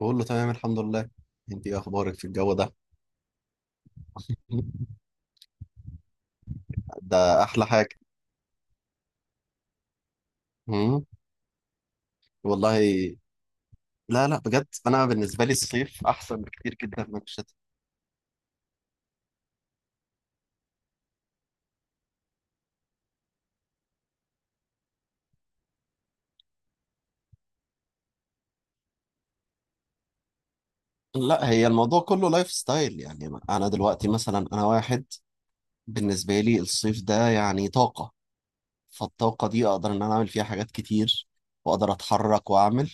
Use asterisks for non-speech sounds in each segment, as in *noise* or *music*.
بقول له تمام، الحمد لله. انت ايه اخبارك في الجو ده؟ *laughs* ده احلى حاجه. مم. والله. لا، لا، بجد انا بالنسبه لي الصيف احسن بكتير جدا من الشتاء. لا، هي الموضوع كله لايف ستايل، يعني انا دلوقتي مثلا انا واحد. بالنسبه لي الصيف ده يعني طاقه. فالطاقه دي اقدر ان انا اعمل فيها حاجات كتير. واقدر اتحرك واعمل.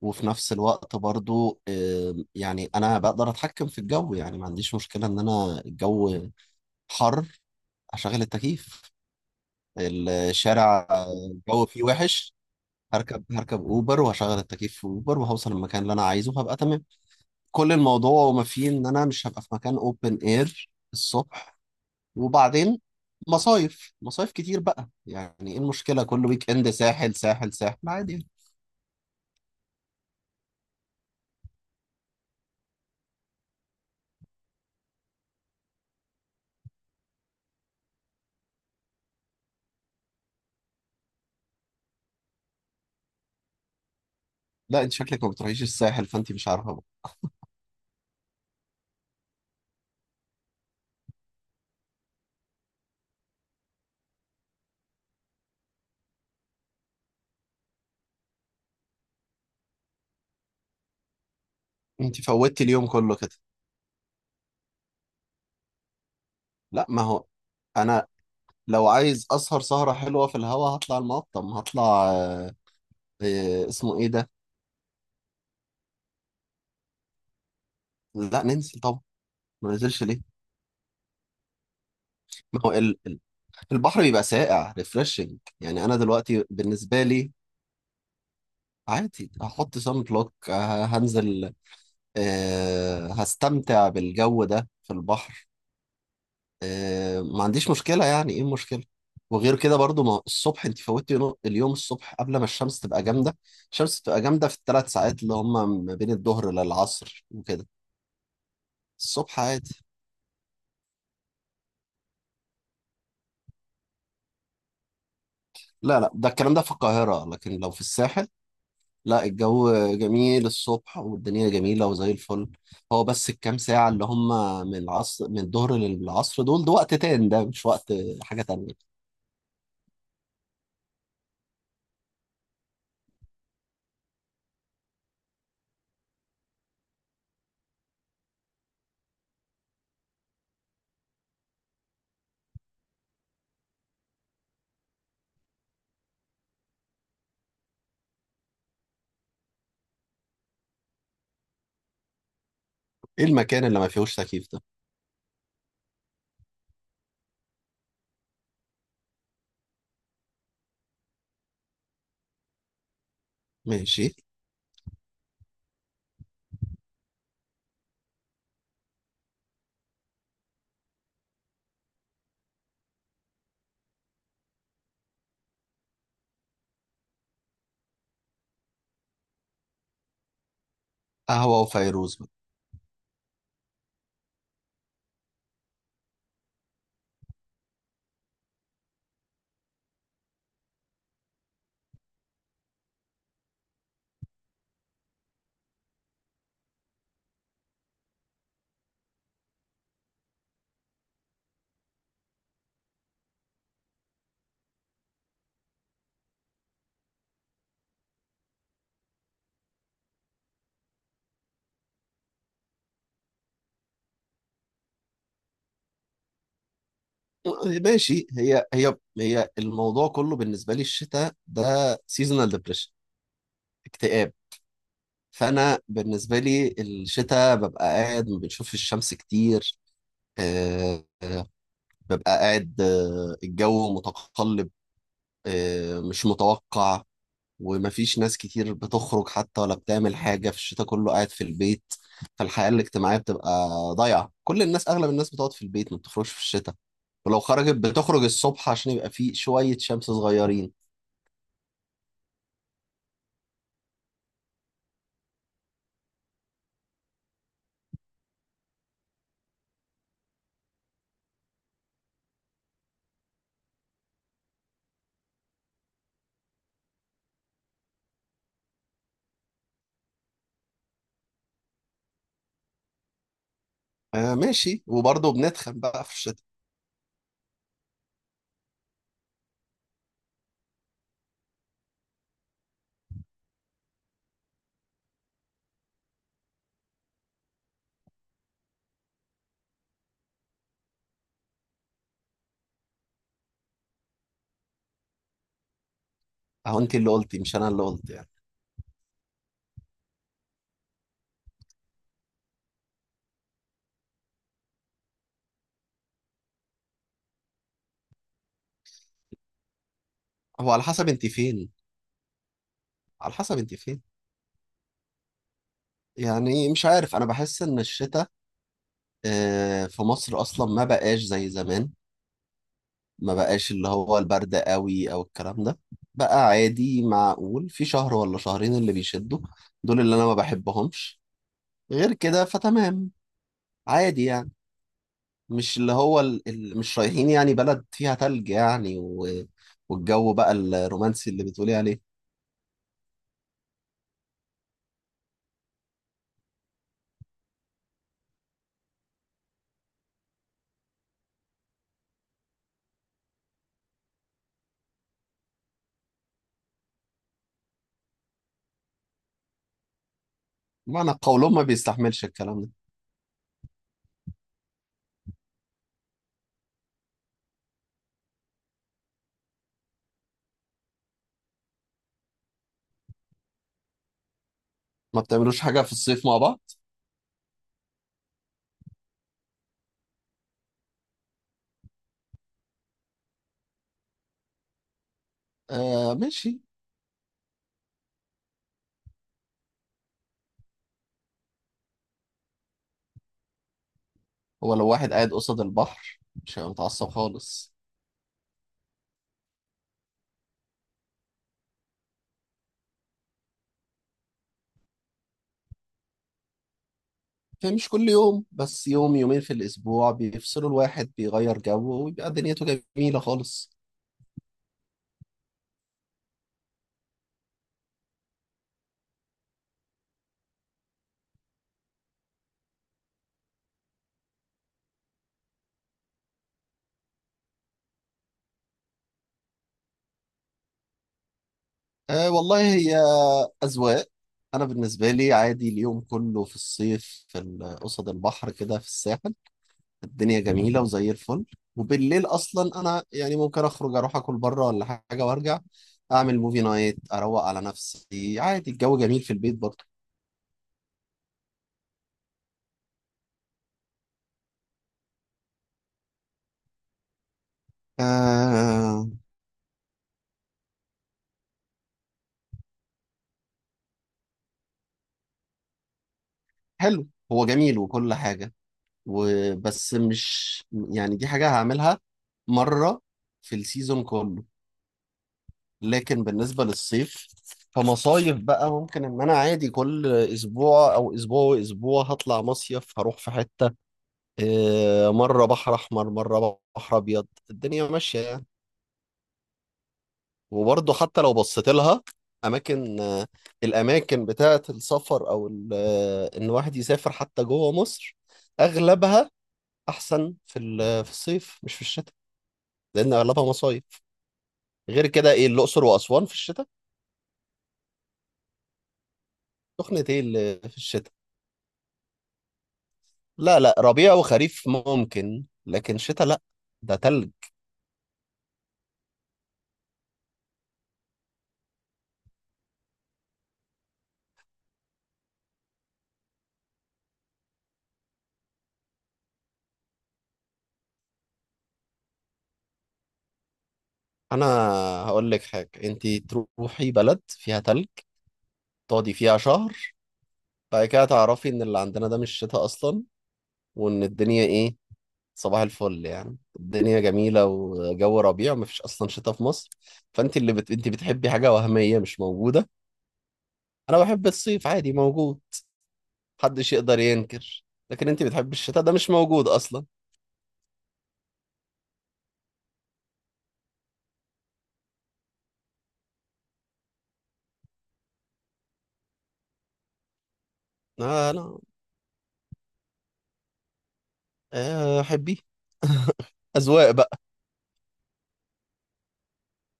وفي نفس الوقت برضو يعني انا بقدر اتحكم في الجو، يعني ما عنديش مشكله ان انا الجو حر اشغل التكييف. الشارع، الجو فيه وحش. هركب اوبر وهشغل التكييف في اوبر، وهوصل المكان اللي انا عايزه وهبقى تمام. كل الموضوع وما فيه ان انا مش هبقى في مكان اوبن اير الصبح. وبعدين مصايف مصايف كتير بقى، يعني ايه المشكلة؟ كل ويك اند ساحل ساحل ساحل، عادي يعني. لا، انت شكلك ما بتروحيش الساحل فانت مش عارفة بقى. انت فوتي اليوم كله كده. لا، ما هو انا لو عايز اسهر سهرة حلوة في الهوا هطلع المقطم هطلع. آه، اسمه ايه ده؟ لا ننسى. ما نزلش ليه؟ ما هو البحر بيبقى ساقع ريفرشنج، يعني انا دلوقتي بالنسبه لي عادي. هحط سان بلوك هنزل. هستمتع بالجو ده في البحر. ما عنديش مشكله، يعني ايه المشكله؟ وغير كده برضو، ما الصبح انت فوتي اليوم الصبح قبل ما الشمس تبقى جامده. الشمس تبقى جامده في ال3 ساعات اللي هم ما بين الظهر للعصر وكده. الصبح عادي. لا، لا، ده الكلام ده في القاهره لكن لو في الساحل لا، الجو جميل الصبح والدنيا جميلة وزي الفل. هو بس الكام ساعة اللي هم من العصر، من الظهر للعصر دول، ده وقت تاني ده مش وقت حاجة تانية. ايه المكان اللي ما فيهوش تكييف ده؟ ماشي. قهوة وفيروز بقى. ماشي، هي الموضوع كله بالنسبة لي الشتاء ده سيزونال ديبريشن، اكتئاب. فأنا بالنسبة لي الشتاء ببقى قاعد ما بنشوفش الشمس كتير. آه، آه، ببقى قاعد، الجو متقلب، مش متوقع. ومفيش ناس كتير بتخرج حتى ولا بتعمل حاجة، في الشتاء كله قاعد في البيت. فالحياة الاجتماعية بتبقى ضايعة، كل الناس أغلب الناس بتقعد في البيت ما بتخرجش في الشتاء. ولو خرجت بتخرج الصبح عشان يبقى فيه شوية شمس صغيرين. آه ماشي، وبرضه بنتخن بقى في الشتاء. أهو أنت اللي قلتي مش أنا اللي قلت يعني. هو على حسب أنت فين. على حسب أنت فين، يعني مش عارف أنا بحس إن الشتاء في مصر أصلا ما بقاش زي زمان. ما بقاش اللي هو البرد قوي او الكلام ده. بقى عادي، معقول في شهر ولا شهرين اللي بيشدوا، دول اللي انا ما بحبهمش. غير كده فتمام، عادي يعني. مش اللي هو مش رايحين يعني بلد فيها تلج يعني والجو بقى الرومانسي اللي بتقولي عليه. معنى قولهم ما بيستحملش الكلام ده. ما بتعملوش حاجة في الصيف مع بعض؟ آه ماشي. هو لو واحد قاعد قصاد البحر مش هيبقى متعصب خالص. يعني مش كل يوم، بس يوم يومين في الأسبوع بيفصلوا، الواحد بيغير جو ويبقى دنيته جميلة خالص. آه والله، هي أذواق. أنا بالنسبة لي عادي اليوم كله في الصيف في قصد البحر كده في الساحل. الدنيا جميلة وزي الفل. وبالليل أصلا أنا يعني ممكن أخرج أروح أكل بره ولا حاجة وأرجع. أعمل موفي نايت أروق على نفسي، عادي الجو جميل في البيت برضه. آه حلو، هو جميل وكل حاجة. وبس مش، يعني دي حاجة هعملها مرة في السيزون كله. لكن بالنسبة للصيف فمصايف بقى، ممكن ان انا عادي كل اسبوع او اسبوع واسبوع هطلع مصيف هروح في حتة، مرة بحر احمر مرة بحر ابيض، الدنيا ماشية يعني. وبرضه حتى لو بصيت لها اماكن آه، الاماكن بتاعة السفر او ان الواحد يسافر حتى جوه مصر، اغلبها احسن في في الصيف مش في الشتاء، لان اغلبها مصايف. غير كده، ايه الاقصر واسوان في الشتاء؟ سخنة ايه اللي في الشتاء؟ لا، لا، ربيع وخريف ممكن لكن شتاء لا، ده تلج. انا هقول لك حاجه، انت تروحي بلد فيها تلج تقعدي فيها شهر، بعد كده تعرفي ان اللي عندنا ده مش شتاء اصلا. وان الدنيا ايه؟ صباح الفل، يعني الدنيا جميله وجو ربيع ومفيش اصلا شتاء في مصر. انت بتحبي حاجه وهميه مش موجوده. انا بحب الصيف، عادي موجود، محدش يقدر ينكر. لكن انت بتحبي الشتاء ده مش موجود اصلا. لا، لا، احبيه. اذواق بقى.